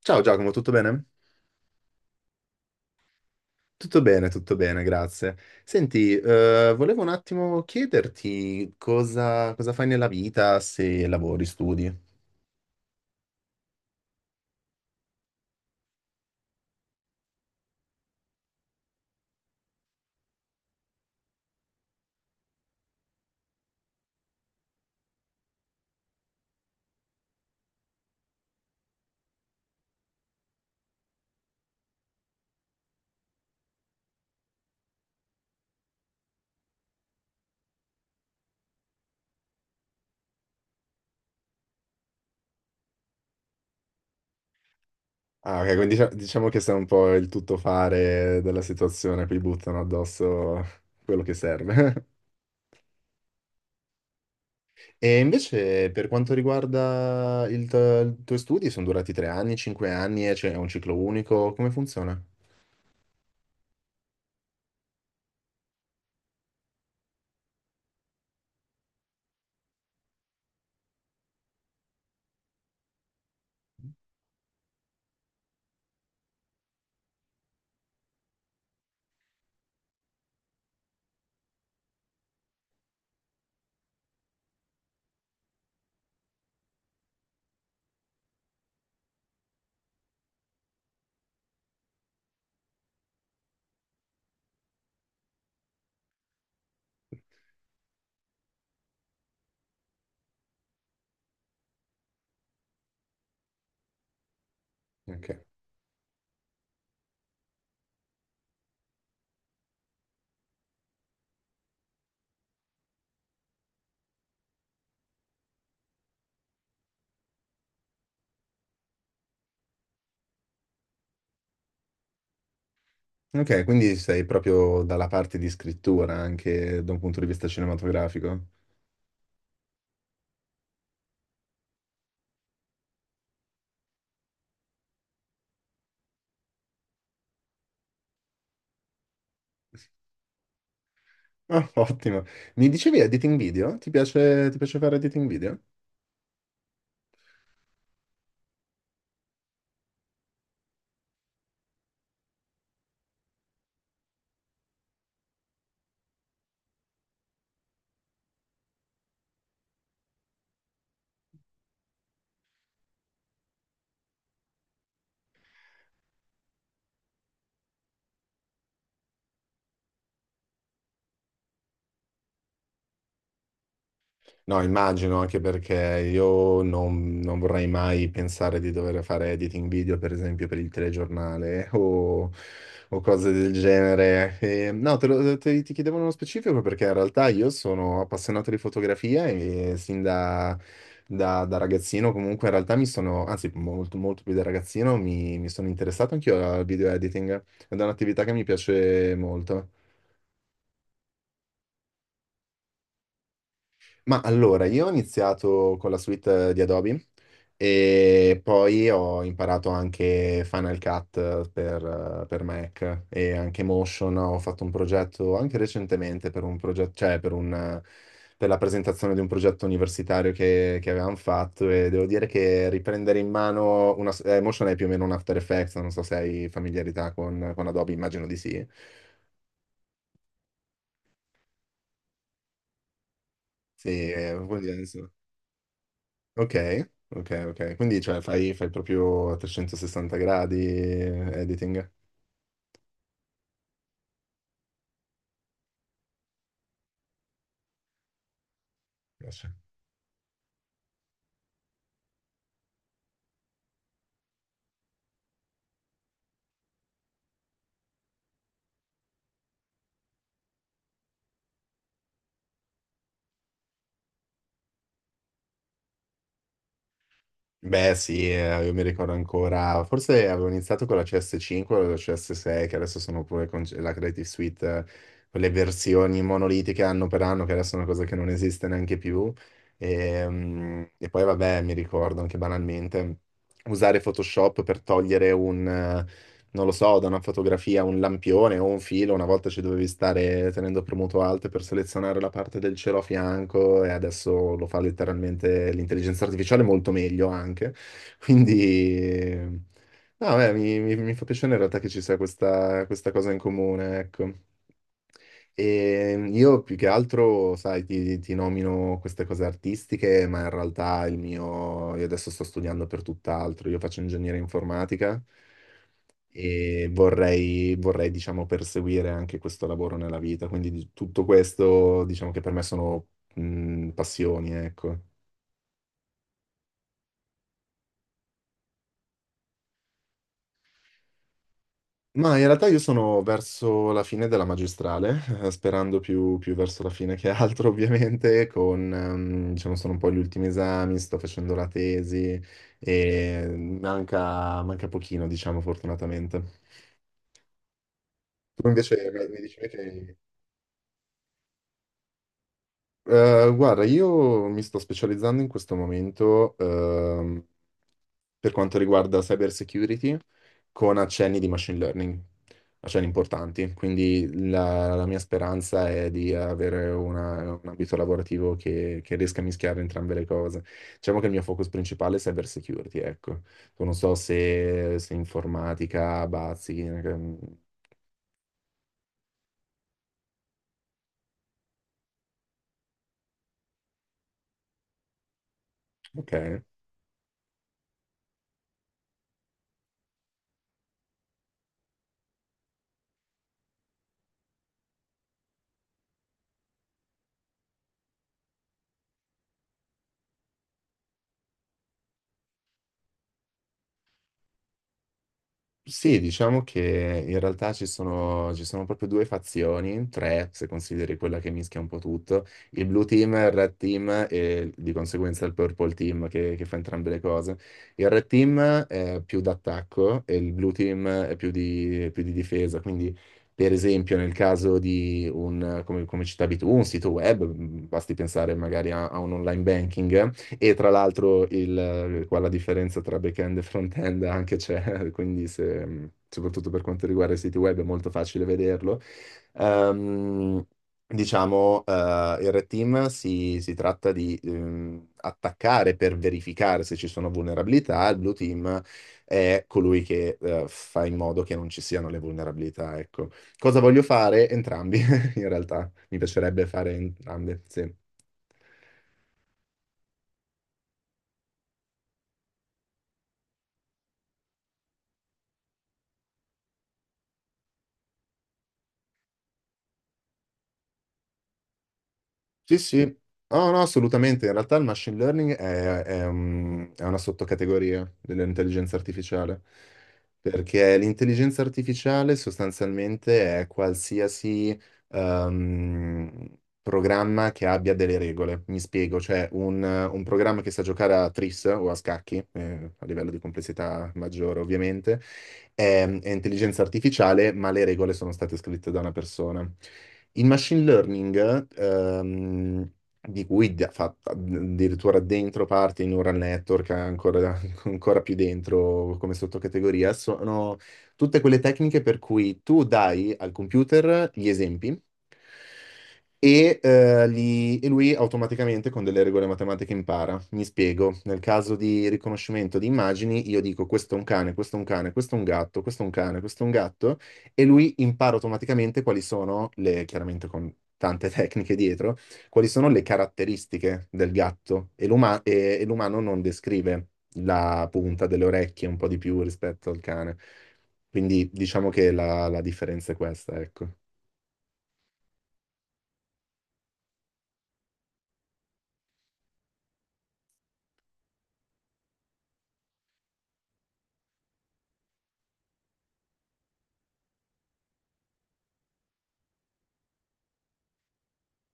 Ciao Giacomo, tutto bene? Tutto bene, tutto bene, grazie. Senti, volevo un attimo chiederti cosa fai nella vita, se lavori, studi. Ah, ok, quindi diciamo che sei un po' il tuttofare della situazione, poi buttano addosso quello che serve. E invece per quanto riguarda i tuoi studi, sono durati 3 anni, 5 anni, e c'è un ciclo unico, come funziona? Ok. Ok, quindi sei proprio dalla parte di scrittura anche da un punto di vista cinematografico. Ah, ottimo. Mi dicevi editing video? Ti piace fare editing video? No, immagino anche perché io non vorrei mai pensare di dover fare editing video, per esempio, per il telegiornale o, cose del genere. E, no, ti chiedevo nello specifico perché in realtà io sono appassionato di fotografia e sin da ragazzino comunque in realtà mi sono, anzi molto, molto più da ragazzino, mi sono interessato anch'io al video editing ed è un'attività che mi piace molto. Ma allora, io ho iniziato con la suite di Adobe e poi ho imparato anche Final Cut per Mac e anche Motion. Ho fatto un progetto anche recentemente per un progetto, cioè per la presentazione di un progetto universitario che avevamo fatto e devo dire che riprendere in mano Motion è più o meno un After Effects, non so se hai familiarità con Adobe, immagino di sì. Sì, vuol dire, insomma. Ok, ok, ok. Quindi cioè, fai proprio a 360 gradi editing? Eh sì. Beh sì, io mi ricordo ancora, forse avevo iniziato con la CS5 o la CS6, che adesso sono pure con la Creative Suite, quelle versioni monolitiche anno per anno, che adesso è una cosa che non esiste neanche più. E poi vabbè, mi ricordo anche banalmente, usare Photoshop per togliere un, non lo so, da una fotografia, un lampione o un filo, una volta ci dovevi stare tenendo premuto alt per selezionare la parte del cielo a fianco e adesso lo fa letteralmente l'intelligenza artificiale molto meglio anche. Quindi, no, beh, mi fa piacere in realtà che ci sia questa cosa in comune, ecco. E io più che altro, sai, ti nomino queste cose artistiche, ma in realtà il mio, io adesso sto studiando per tutt'altro, io faccio ingegneria informatica e vorrei, diciamo, perseguire anche questo lavoro nella vita, quindi tutto questo, diciamo che per me sono, passioni, ecco. Ma in realtà io sono verso la fine della magistrale, sperando più verso la fine che altro, ovviamente, diciamo, sono un po' gli ultimi esami, sto facendo la tesi e manca pochino, diciamo, fortunatamente. Tu invece mi dicevi che, guarda, io mi sto specializzando in questo momento per quanto riguarda cyber security con accenni di machine learning, accenni importanti. Quindi la mia speranza è di avere un ambito lavorativo che riesca a mischiare entrambe le cose. Diciamo che il mio focus principale è cyber security, ecco. Non so se informatica, bazzi, ok. Sì, diciamo che in realtà ci sono proprio due fazioni, tre se consideri quella che mischia un po' tutto, il blue team, il red team e di conseguenza il purple team che fa entrambe le cose. Il red team è più d'attacco e il blue team è più più di difesa, quindi per esempio nel caso di un, come citavi tu, un sito web, basti pensare magari a un online banking. E tra l'altro qua la differenza tra back-end e front-end anche c'è, quindi soprattutto per quanto riguarda i siti web è molto facile vederlo. Ehm, diciamo, il Red Team si tratta di attaccare per verificare se ci sono vulnerabilità, il Blue Team è colui che fa in modo che non ci siano le vulnerabilità, ecco. Cosa voglio fare? Entrambi, in realtà. Mi piacerebbe fare entrambe, sì. Sì, sì, no, no, assolutamente. In realtà il machine learning è una sottocategoria dell'intelligenza artificiale, perché l'intelligenza artificiale sostanzialmente è qualsiasi ehm, programma che abbia delle regole. Mi spiego, cioè un programma che sa giocare a tris o a scacchi, a livello di complessità maggiore ovviamente, è intelligenza artificiale, ma le regole sono state scritte da una persona. Il machine learning, di cui fa addirittura dentro parte i neural network, ancora, ancora più dentro come sottocategoria, sono tutte quelle tecniche per cui tu dai al computer gli esempi e lui automaticamente con delle regole matematiche impara. Mi spiego, nel caso di riconoscimento di immagini, io dico questo è un cane, questo è un cane, questo è un gatto, questo è un cane, questo è un gatto, e lui impara automaticamente quali sono chiaramente con tante tecniche dietro, quali sono le caratteristiche del gatto. E l'umano non descrive la punta delle orecchie un po' di più rispetto al cane. Quindi diciamo che la differenza è questa, ecco.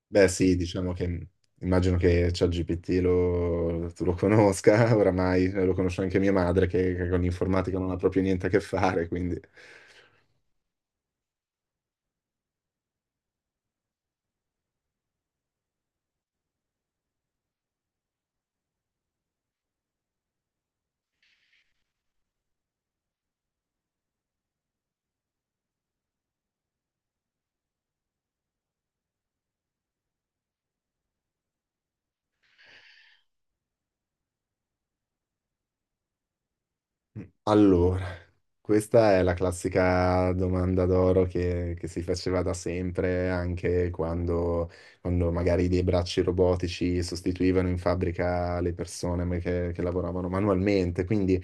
Beh, sì, diciamo che immagino che ChatGPT tu lo conosca oramai, lo conosce anche mia madre che con l'informatica non ha proprio niente a che fare, quindi... Allora, questa è la classica domanda d'oro che si faceva da sempre, anche quando magari dei bracci robotici sostituivano in fabbrica le persone che lavoravano manualmente. Quindi,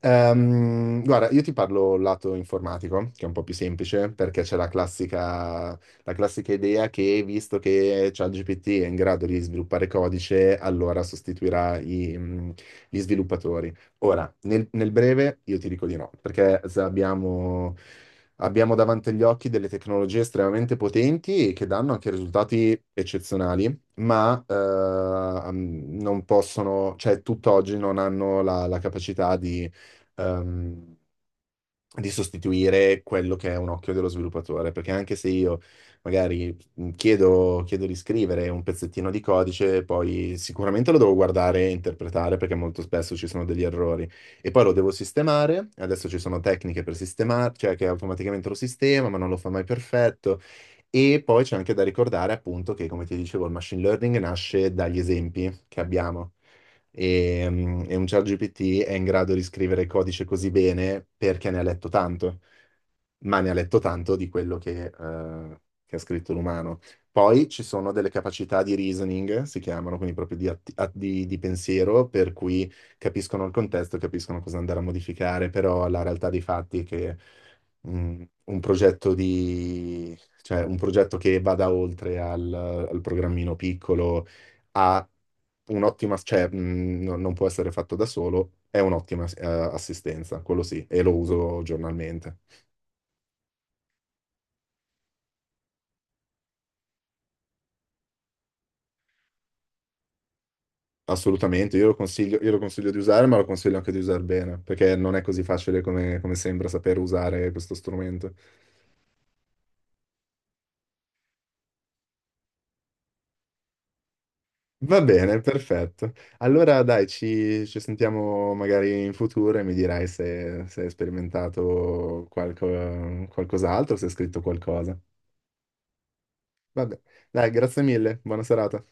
guarda, io ti parlo lato informatico, che è un po' più semplice, perché c'è la classica idea che, visto che ChatGPT è in grado di sviluppare codice, allora sostituirà gli sviluppatori. Ora, nel breve io ti dico di no, perché abbiamo davanti agli occhi delle tecnologie estremamente potenti e che danno anche risultati eccezionali, ma non possono, cioè tutt'oggi non hanno la capacità ehm, di sostituire quello che è un occhio dello sviluppatore, perché anche se io magari chiedo di scrivere un pezzettino di codice, poi sicuramente lo devo guardare e interpretare perché molto spesso ci sono degli errori e poi lo devo sistemare, adesso ci sono tecniche per sistemare, cioè che automaticamente lo sistema, ma non lo fa mai perfetto. E poi c'è anche da ricordare appunto che, come ti dicevo, il machine learning nasce dagli esempi che abbiamo e un ChatGPT è in grado di scrivere codice così bene perché ne ha letto tanto, ma ne ha letto tanto di quello che ha scritto l'umano. Poi ci sono delle capacità di reasoning, si chiamano, quindi proprio di, atti- a- di pensiero, per cui capiscono il contesto, capiscono cosa andare a modificare, però la realtà dei fatti è che un progetto di, cioè un progetto che vada oltre al programmino piccolo ha un'ottima, cioè non può essere fatto da solo, è un'ottima assistenza, quello sì, e lo uso giornalmente. Assolutamente, io lo consiglio di usare, ma lo consiglio anche di usare bene, perché non è così facile come sembra saper usare questo strumento. Va bene, perfetto. Allora dai, ci sentiamo magari in futuro e mi dirai se hai sperimentato qualcos'altro, se hai scritto qualcosa. Vabbè, dai, grazie mille, buona serata.